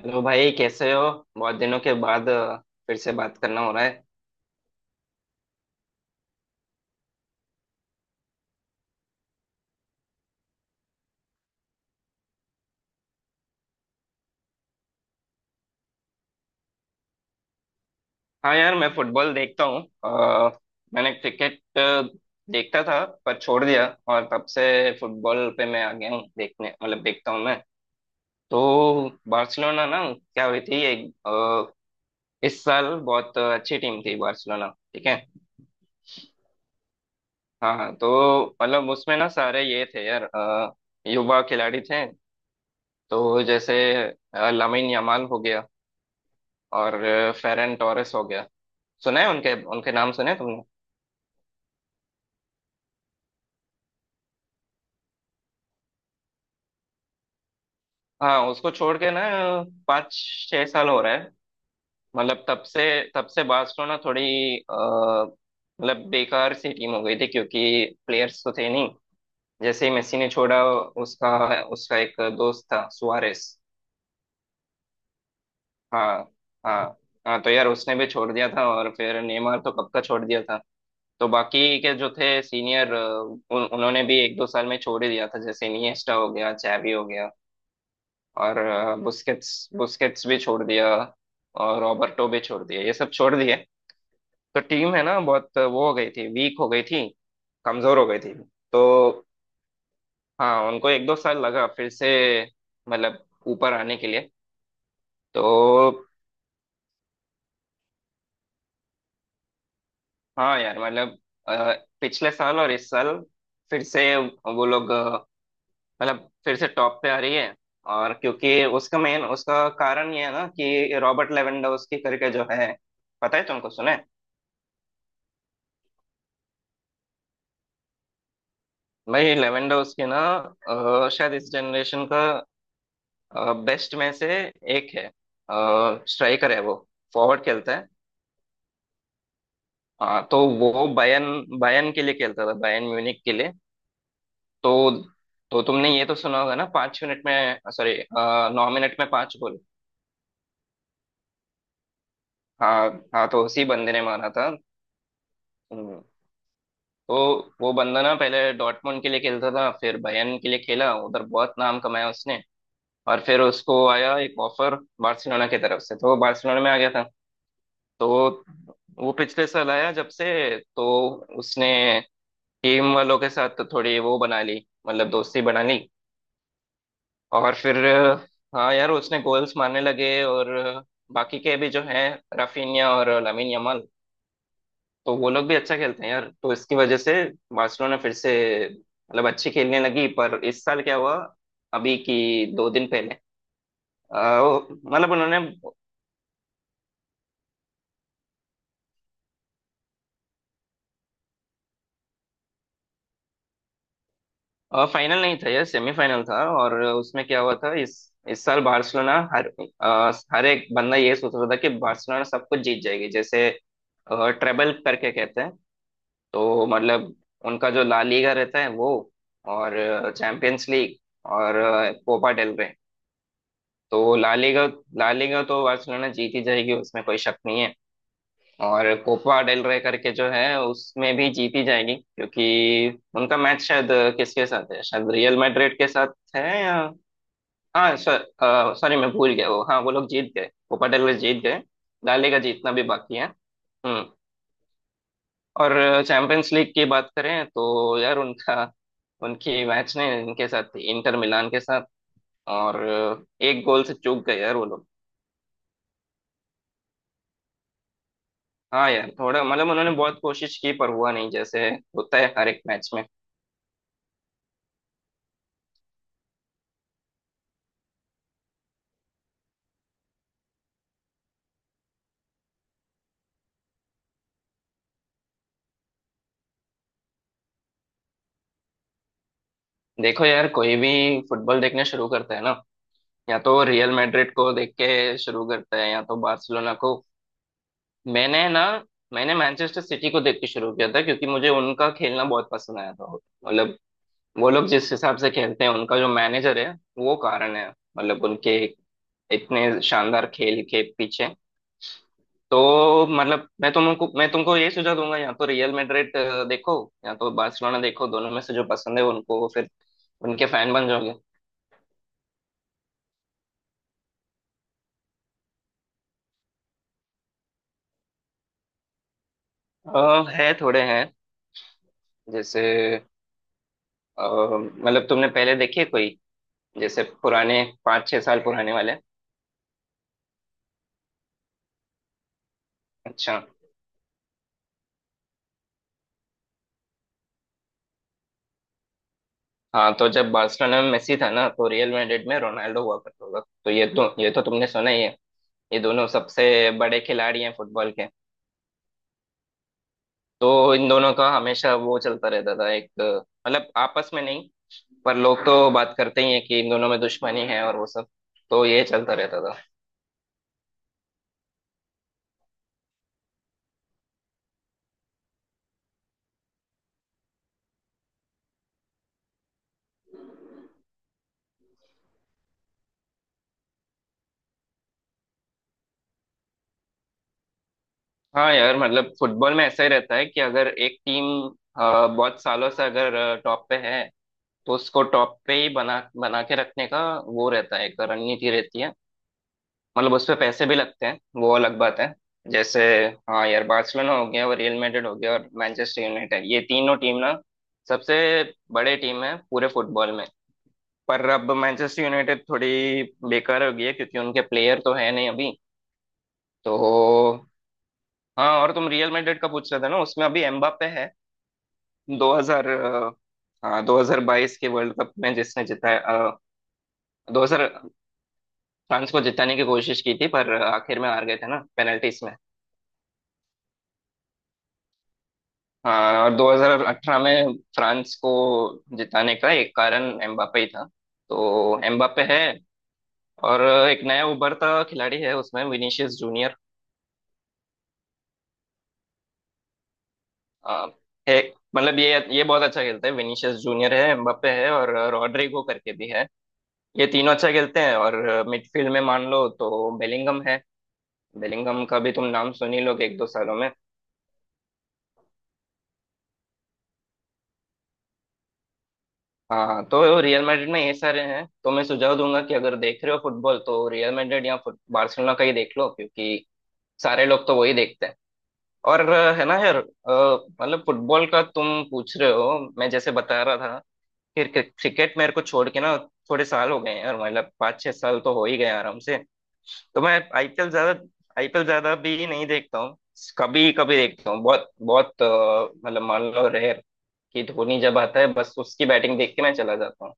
Hello भाई, कैसे हो। बहुत दिनों के बाद फिर से बात करना हो रहा है। हाँ यार, मैं फुटबॉल देखता हूँ। मैंने क्रिकेट देखता था, पर छोड़ दिया। और तब से फुटबॉल पे मैं आ गया हूँ देखने, मतलब देखता हूँ मैं। तो बार्सिलोना ना, क्या हुई थी एक इस साल बहुत अच्छी टीम थी बार्सिलोना। ठीक है। हाँ हाँ, तो मतलब उसमें ना सारे ये थे यार युवा खिलाड़ी थे। तो जैसे लामिन यमाल हो गया। और फेरन टोरेस हो गया। सुना है उनके उनके नाम सुने तुमने। हाँ, उसको छोड़ के ना पाँच छह साल हो रहा है। मतलब तब से बार्सिलोना थोड़ी अ, मतलब बेकार सी टीम हो गई थी, क्योंकि प्लेयर्स तो थे नहीं। जैसे ही मेसी ने छोड़ा, उसका उसका एक दोस्त था सुआरेस। हाँ। हाँ। हाँ तो यार उसने भी छोड़ दिया था, और फिर नेमार तो कब का छोड़ दिया था। तो बाकी के जो थे सीनियर, उन्होंने भी एक दो साल में छोड़ ही दिया था। जैसे इनिएस्टा हो गया, चैवी हो गया। और बुस्केट्स बुस्केट्स भी छोड़ दिया। और रॉबर्टो भी छोड़ दिया, ये सब छोड़ दिए। तो टीम है ना बहुत वो हो गई थी, वीक हो गई थी, कमजोर हो गई थी। तो हाँ, उनको एक दो साल लगा फिर से, मतलब ऊपर आने के लिए। तो हाँ यार, मतलब अ, पिछले साल और इस साल फिर से वो लोग मतलब फिर से टॉप पे आ रही है। और क्योंकि उसका कारण ये है ना कि रॉबर्ट लेवेंडोव्स्की करके जो है, पता है तुमको, सुने। भाई, लेवेंडोस के ना शायद इस जनरेशन का बेस्ट में से एक है। स्ट्राइकर है वो, फॉरवर्ड खेलता है। हाँ, तो वो बायन बायन के लिए खेलता था, बायन म्यूनिक के लिए। तो तो तुमने ये तो सुना होगा ना, पांच मिनट में, सॉरी, नौ मिनट में पांच गोल। हाँ हाँ, तो उसी बंदे ने मारा था। हम्म, तो वो बंदा ना पहले डॉर्टमुंड के लिए खेलता था, फिर बायन के लिए खेला, उधर बहुत नाम कमाया उसने। और फिर उसको आया एक ऑफर बार्सिलोना की तरफ से, तो वो बार्सिलोना में आ गया था। तो वो पिछले साल आया जब से। तो उसने टीम वालों के साथ तो थोड़ी वो बना ली, मतलब दोस्ती बना ली। और फिर हाँ यार उसने गोल्स मारने लगे। और बाकी के भी जो हैं, राफिनिया और लामिन यमाल, तो वो लोग भी अच्छा खेलते हैं यार। तो इसकी वजह से बार्सिलोना फिर से मतलब अच्छी खेलने लगी। पर इस साल क्या हुआ अभी की दो दिन पहले, मतलब उन्होंने। फाइनल नहीं था, यह सेमीफाइनल था। और उसमें क्या हुआ था, इस साल बार्सिलोना हर हर एक बंदा ये सोच रहा था कि बार्सिलोना सब कुछ जीत जाएगी, जैसे ट्रेबल करके कहते हैं। तो मतलब उनका जो ला लीगा रहता है वो, और चैंपियंस लीग, और कोपा डेल रे। तो ला लीगा तो बार्सिलोना जीत ही जाएगी, उसमें कोई शक नहीं है। और कोपा डेल रे करके जो है उसमें भी जीती जाएगी, क्योंकि उनका मैच शायद किसके साथ है, शायद रियल मैड्रिड के साथ है या, हाँ, सॉरी, मैं भूल गया। वो, हाँ, वो लोग जीत गए, कोपा डेल रे जीत गए। ला लीगा जीतना भी बाकी है। हम्म। और चैंपियंस लीग की बात करें तो यार उनका उनकी मैच ने इनके साथ थी, इंटर मिलान के साथ। और एक गोल से चूक गए यार वो लोग। हाँ यार, थोड़ा मतलब उन्होंने बहुत कोशिश की पर हुआ नहीं, जैसे होता है हर एक मैच में। देखो यार, कोई भी फुटबॉल देखना शुरू करता है ना, या तो रियल मैड्रिड को देख के शुरू करता है या तो बार्सिलोना को। मैंने ना मैंने मैनचेस्टर सिटी को देख के शुरू किया था, क्योंकि मुझे उनका खेलना बहुत पसंद आया था। मतलब वो लोग जिस हिसाब से खेलते हैं, उनका जो मैनेजर है, वो कारण है, मतलब उनके इतने शानदार खेल के पीछे। तो मतलब मैं तुमको ये सुझाव दूंगा, या तो रियल मैड्रिड देखो या तो बार्सिलोना देखो। दोनों में से जो पसंद है उनको, फिर उनके फैन बन जाओगे। है, थोड़े हैं। जैसे मतलब तुमने पहले देखे कोई, जैसे पुराने पाँच छह साल पुराने वाले। अच्छा। हाँ, तो जब बार्सिलोना में मेसी था ना तो रियल मैड्रिड में रोनाल्डो हुआ करता था, तो ये तो तुमने सुना ही है। ये दोनों सबसे बड़े खिलाड़ी हैं फुटबॉल के। तो इन दोनों का हमेशा वो चलता रहता था एक मतलब आपस में नहीं, पर लोग तो बात करते ही हैं कि इन दोनों में दुश्मनी है और वो सब, तो ये चलता रहता था। हाँ यार, मतलब फुटबॉल में ऐसा ही रहता है कि अगर एक टीम बहुत सालों से अगर टॉप पे है, तो उसको टॉप पे ही बना बना के रखने का वो रहता है, एक रणनीति रहती है। मतलब उस पे पैसे भी लगते हैं वो अलग बात है। जैसे, हाँ यार, बार्सिलोना हो गया और रियल मैड्रिड हो गया और मैनचेस्टर यूनाइटेड, ये तीनों टीम ना सबसे बड़े टीम है पूरे फुटबॉल में। पर अब मैनचेस्टर यूनाइटेड थोड़ी बेकार हो गई है, क्योंकि उनके प्लेयर तो है नहीं अभी। तो हाँ, और तुम रियल मैड्रिड का पूछ रहे थे ना, उसमें अभी एम्बाप्पे है। 2000 हाँ, 2022 के वर्ल्ड कप में जिसने जिताया, दो हजार, फ्रांस को जिताने की कोशिश की थी पर आखिर में हार गए थे ना पेनल्टीज में। हाँ और 2018 में फ्रांस को जिताने का एक कारण एम्बापे ही था। तो एम्बापे है। और एक नया उभरता खिलाड़ी है उसमें, विनीशियस जूनियर। अ, है, मतलब ये बहुत अच्छा खेलता है। विनीशियस जूनियर है, एम्बापे है, और रॉड्रिगो करके भी है। ये तीनों अच्छा खेलते हैं। और मिडफील्ड में मान लो तो बेलिंगम है। बेलिंगम का भी तुम नाम सुन ही लोगे एक दो सालों में। हाँ हाँ, तो रियल मैड्रिड में ये सारे हैं, तो मैं सुझाव दूंगा कि अगर देख रहे हो फुटबॉल तो रियल मैड्रिड या फुट बार्सिलोना का ही देख लो, क्योंकि सारे लोग तो वही देखते हैं। और है ना यार, मतलब फुटबॉल का तुम पूछ रहे हो, मैं जैसे बता रहा था। फिर क्रिकेट मेरे को छोड़ के ना थोड़े साल हो गए हैं, और मतलब पाँच छह साल तो हो ही गए आराम से। तो मैं आईपीएल ज्यादा भी नहीं देखता हूँ। कभी कभी देखता हूँ, बहुत बहुत मतलब मान लो रेयर, कि धोनी जब आता है बस उसकी बैटिंग देख के मैं चला जाता हूँ।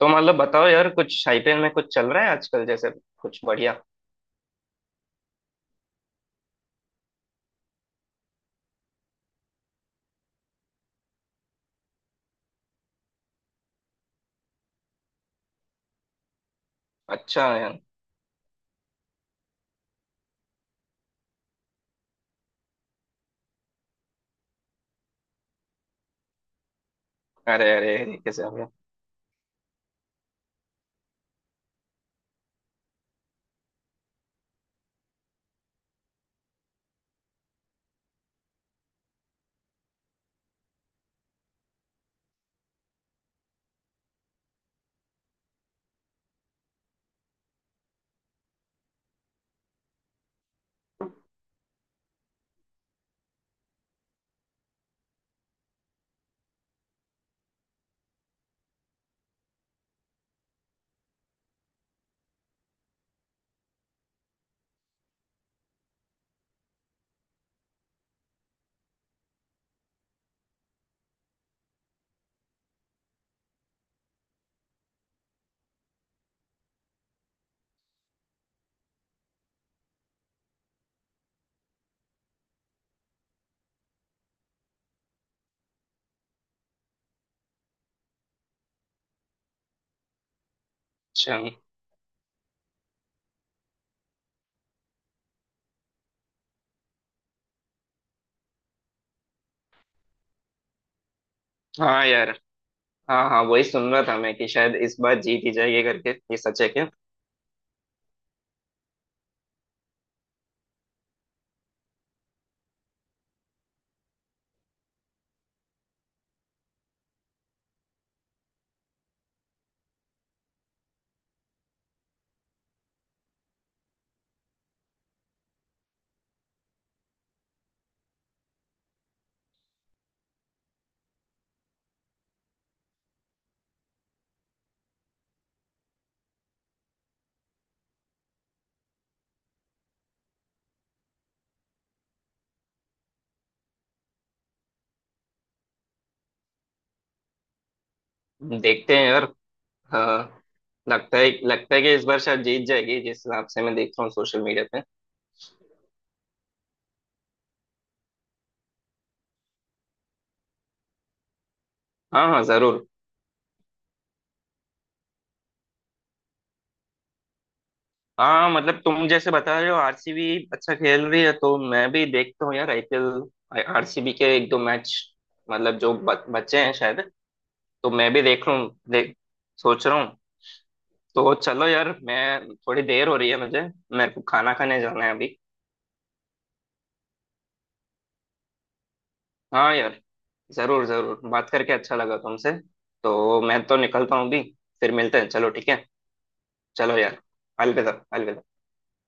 तो मतलब बताओ यार, कुछ आईपीएल में कुछ चल रहा है आजकल, जैसे कुछ बढ़िया। अच्छा यार। अरे अरे अरे, कैसे हो गया? अच्छा। हाँ यार। हाँ हाँ, वही सुन रहा था मैं, कि शायद इस बार जीत ही जाएगी करके, ये सच है क्या? देखते हैं यार। हाँ हाँ। लगता है कि इस बार शायद जीत जाएगी, जिस हिसाब से मैं देख रहा हूँ सोशल मीडिया पे। हाँ हाँ, जरूर। हाँ मतलब तुम जैसे बता रहे हो आरसीबी अच्छा खेल रही है, तो मैं भी देखता हूँ यार आईपीएल, आरसीबी के एक दो मैच, मतलब जो बच्चे हैं शायद, तो मैं भी देख रहा हूँ, देख सोच रहा हूँ। तो चलो यार, मैं, थोड़ी देर हो रही है मुझे, मेरे को खाना खाने जाना है अभी। हाँ यार, जरूर जरूर, बात करके अच्छा लगा तुमसे। तो मैं तो निकलता हूँ अभी, फिर मिलते हैं, चलो ठीक है। चलो यार। अलविदा, अलविदा।